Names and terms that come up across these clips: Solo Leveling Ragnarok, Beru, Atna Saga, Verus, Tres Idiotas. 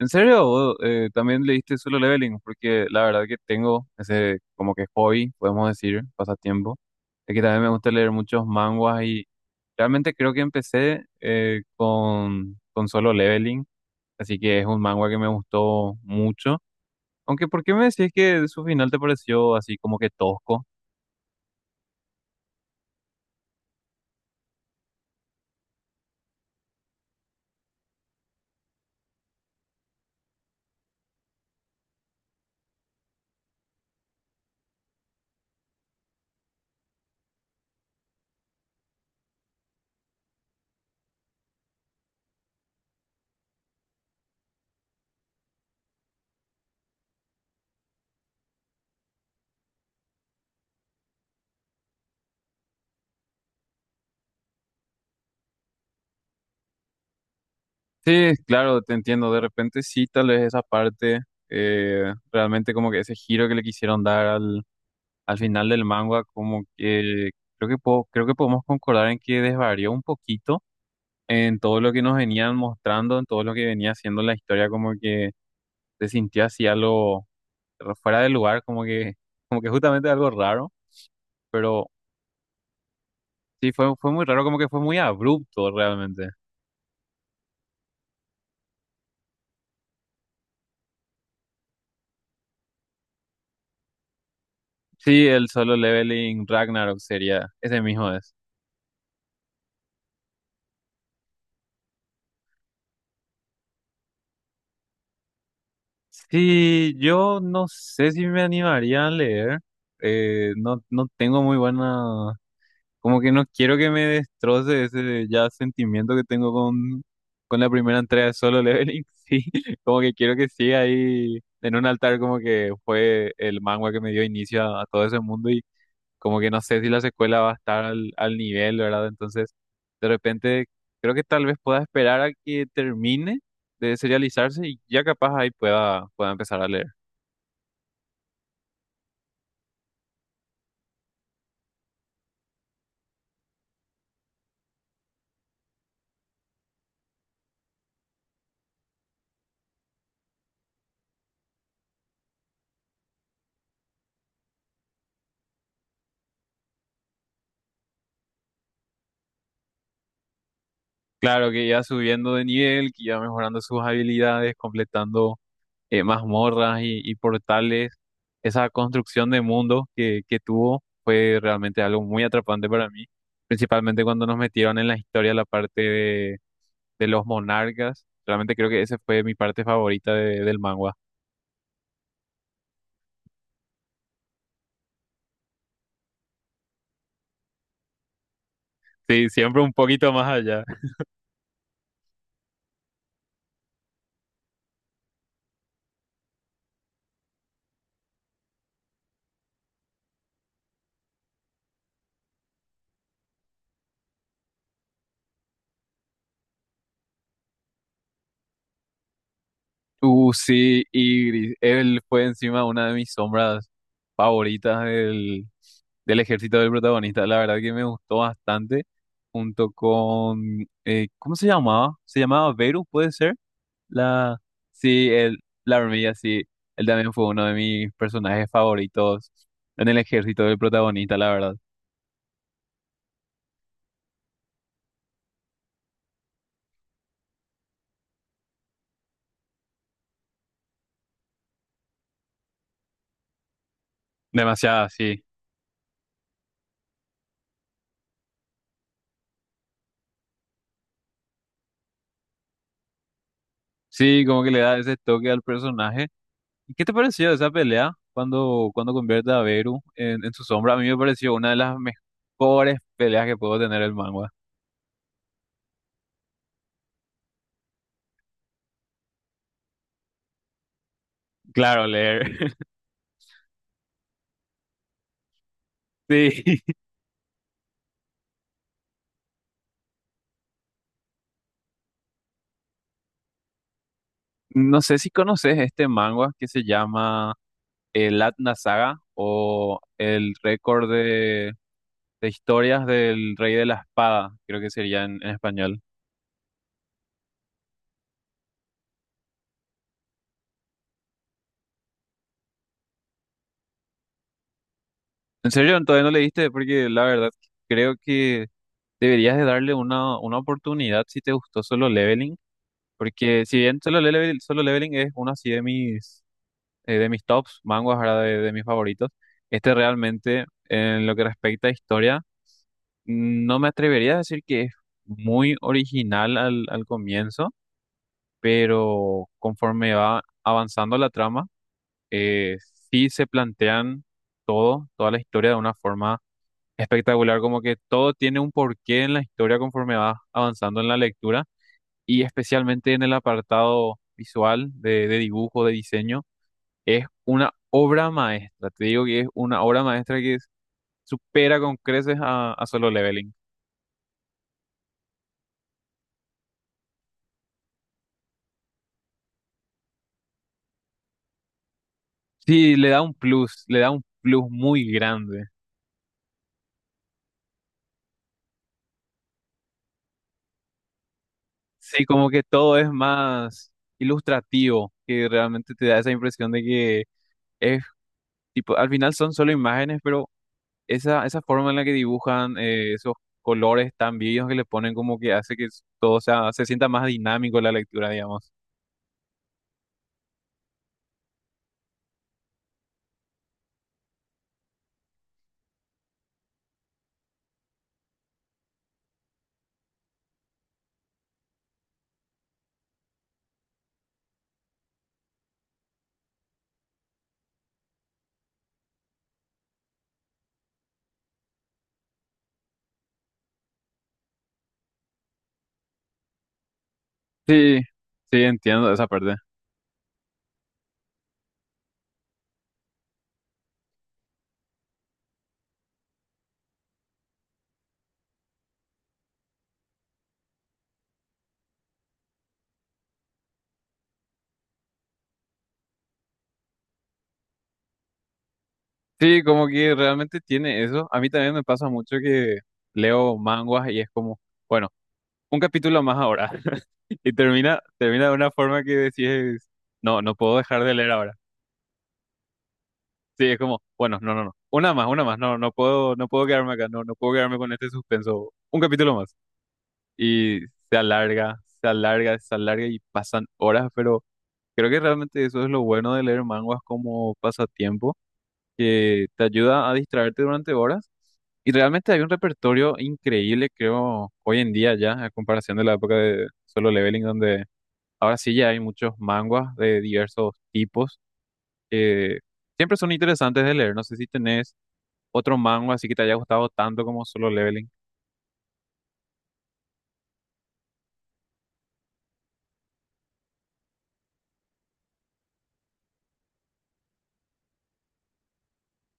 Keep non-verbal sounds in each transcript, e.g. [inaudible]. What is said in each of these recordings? ¿En serio? ¿Vos, también leíste Solo Leveling? Porque la verdad que tengo ese como que hobby, podemos decir, pasatiempo. Es que también me gusta leer muchos manguas y realmente creo que empecé con Solo Leveling. Así que es un manga que me gustó mucho. Aunque, ¿por qué me decís que su final te pareció así como que tosco? Sí, claro, te entiendo. De repente sí, tal vez esa parte, realmente como que ese giro que le quisieron dar al final del manga, como que creo que podemos concordar en que desvarió un poquito en todo lo que nos venían mostrando, en todo lo que venía haciendo la historia, como que se sintió así algo fuera de lugar, como que justamente algo raro, pero sí fue muy raro, como que fue muy abrupto realmente. Sí, el Solo Leveling Ragnarok sería, ese mismo es. Sí, yo no sé si me animaría a leer. No tengo muy buena. Como que no quiero que me destroce ese ya sentimiento que tengo con la primera entrega de Solo Leveling. [laughs] Sí, como que quiero que siga ahí en un altar, como que fue el manga que me dio inicio a todo ese mundo. Y como que no sé si la secuela va a estar al nivel, ¿verdad? Entonces, de repente, creo que tal vez pueda esperar a que termine de serializarse y ya capaz ahí pueda empezar a leer. Claro que ya subiendo de nivel, que ya mejorando sus habilidades, completando mazmorras y portales, esa construcción de mundo que tuvo fue realmente algo muy atrapante para mí, principalmente cuando nos metieron en la historia la parte de los monarcas, realmente creo que esa fue mi parte favorita del manga. Sí, siempre un poquito más allá. Sí, y él fue encima una de mis sombras favoritas del ejército del protagonista. La verdad que me gustó bastante, junto con, ¿cómo se llamaba? ¿Se llamaba Verus, puede ser? La, sí, el, la hormiga, sí. Él también fue uno de mis personajes favoritos en el ejército del protagonista, la verdad. Demasiado, sí. Sí, como que le da ese toque al personaje. ¿Y qué te pareció esa pelea cuando convierte a Beru en su sombra? A mí me pareció una de las mejores peleas que puedo tener el manga. Claro, leer. [laughs] Sí. No sé si conoces este manga que se llama el Atna Saga o el récord de historias del Rey de la Espada, creo que sería en español. ¿En serio? ¿Todavía no leíste? Porque la verdad creo que deberías de darle una oportunidad si te gustó Solo Leveling, porque si bien Solo Leveling es uno así de mis tops, manguas ahora de mis favoritos, este realmente en lo que respecta a historia, no me atrevería a decir que es muy original al comienzo, pero conforme va avanzando la trama, eh, sí se plantean toda la historia de una forma espectacular, como que todo tiene un porqué en la historia conforme vas avanzando en la lectura y especialmente en el apartado visual de dibujo, de diseño, es una obra maestra, te digo que es una obra maestra que supera con creces a Solo Leveling. Sí, le da un plus, le da un plus muy grande. Sí, como que todo es más ilustrativo, que realmente te da esa impresión de que es. Tipo, al final son solo imágenes, pero esa forma en la que dibujan esos colores tan vivos que le ponen como que hace todo sea, se sienta más dinámico la lectura, digamos. Sí, sí, entiendo esa parte. Sí, como que realmente tiene eso. A mí también me pasa mucho que leo manguas y es como, bueno, un capítulo más ahora. [laughs] Y termina de una forma que decís, no puedo dejar de leer ahora. Sí, es como, bueno, no, no, no. Una más, una más. No, no puedo, no puedo quedarme acá. No, no puedo quedarme con este suspenso. Un capítulo más. Y se alarga y pasan horas, pero creo que realmente eso es lo bueno de leer manguas como pasatiempo, que te ayuda a distraerte durante horas. Y realmente hay un repertorio increíble, creo, hoy en día ya, a comparación de la época de Solo Leveling, donde ahora sí ya hay muchos manguas de diversos tipos que siempre son interesantes de leer. No sé si tenés otro mango así que te haya gustado tanto como Solo Leveling?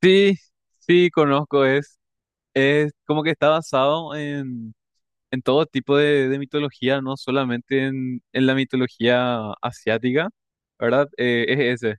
Sí, sí, conozco, es como que está basado en todo tipo de mitología, no solamente en la mitología asiática, ¿verdad? Es ese.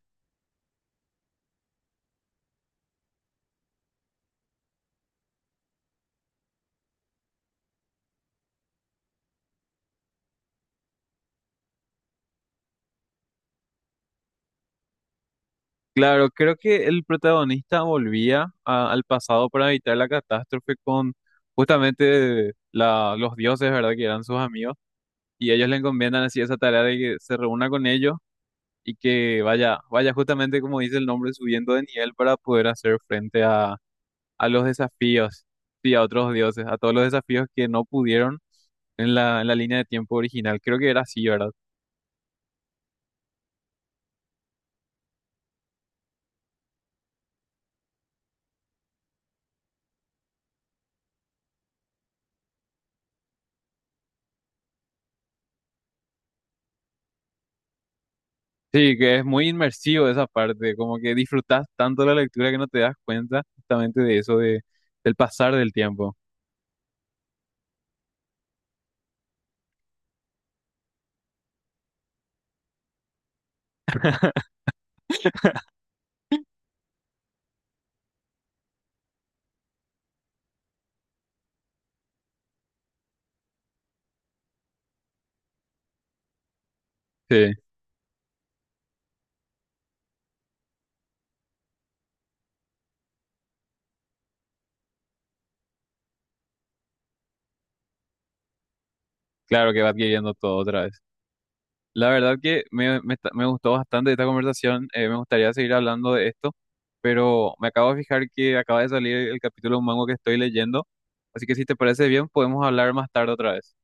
Claro, creo que el protagonista volvía al pasado para evitar la catástrofe con justamente la, los dioses, ¿verdad? Que eran sus amigos. Y ellos le encomiendan así esa tarea de que se reúna con ellos y que vaya justamente como dice el nombre, subiendo de nivel para poder hacer frente a los desafíos, sí, a otros dioses, a todos los desafíos que no pudieron en la línea de tiempo original. Creo que era así, ¿verdad? Sí, que es muy inmersivo esa parte, como que disfrutas tanto la lectura que no te das cuenta justamente de eso, de, del pasar del tiempo. Sí, claro que va adquiriendo todo otra vez. La verdad que me gustó bastante esta conversación. Me gustaría seguir hablando de esto, pero me acabo de fijar que acaba de salir el capítulo de un mango que estoy leyendo. Así que si te parece bien, podemos hablar más tarde otra vez.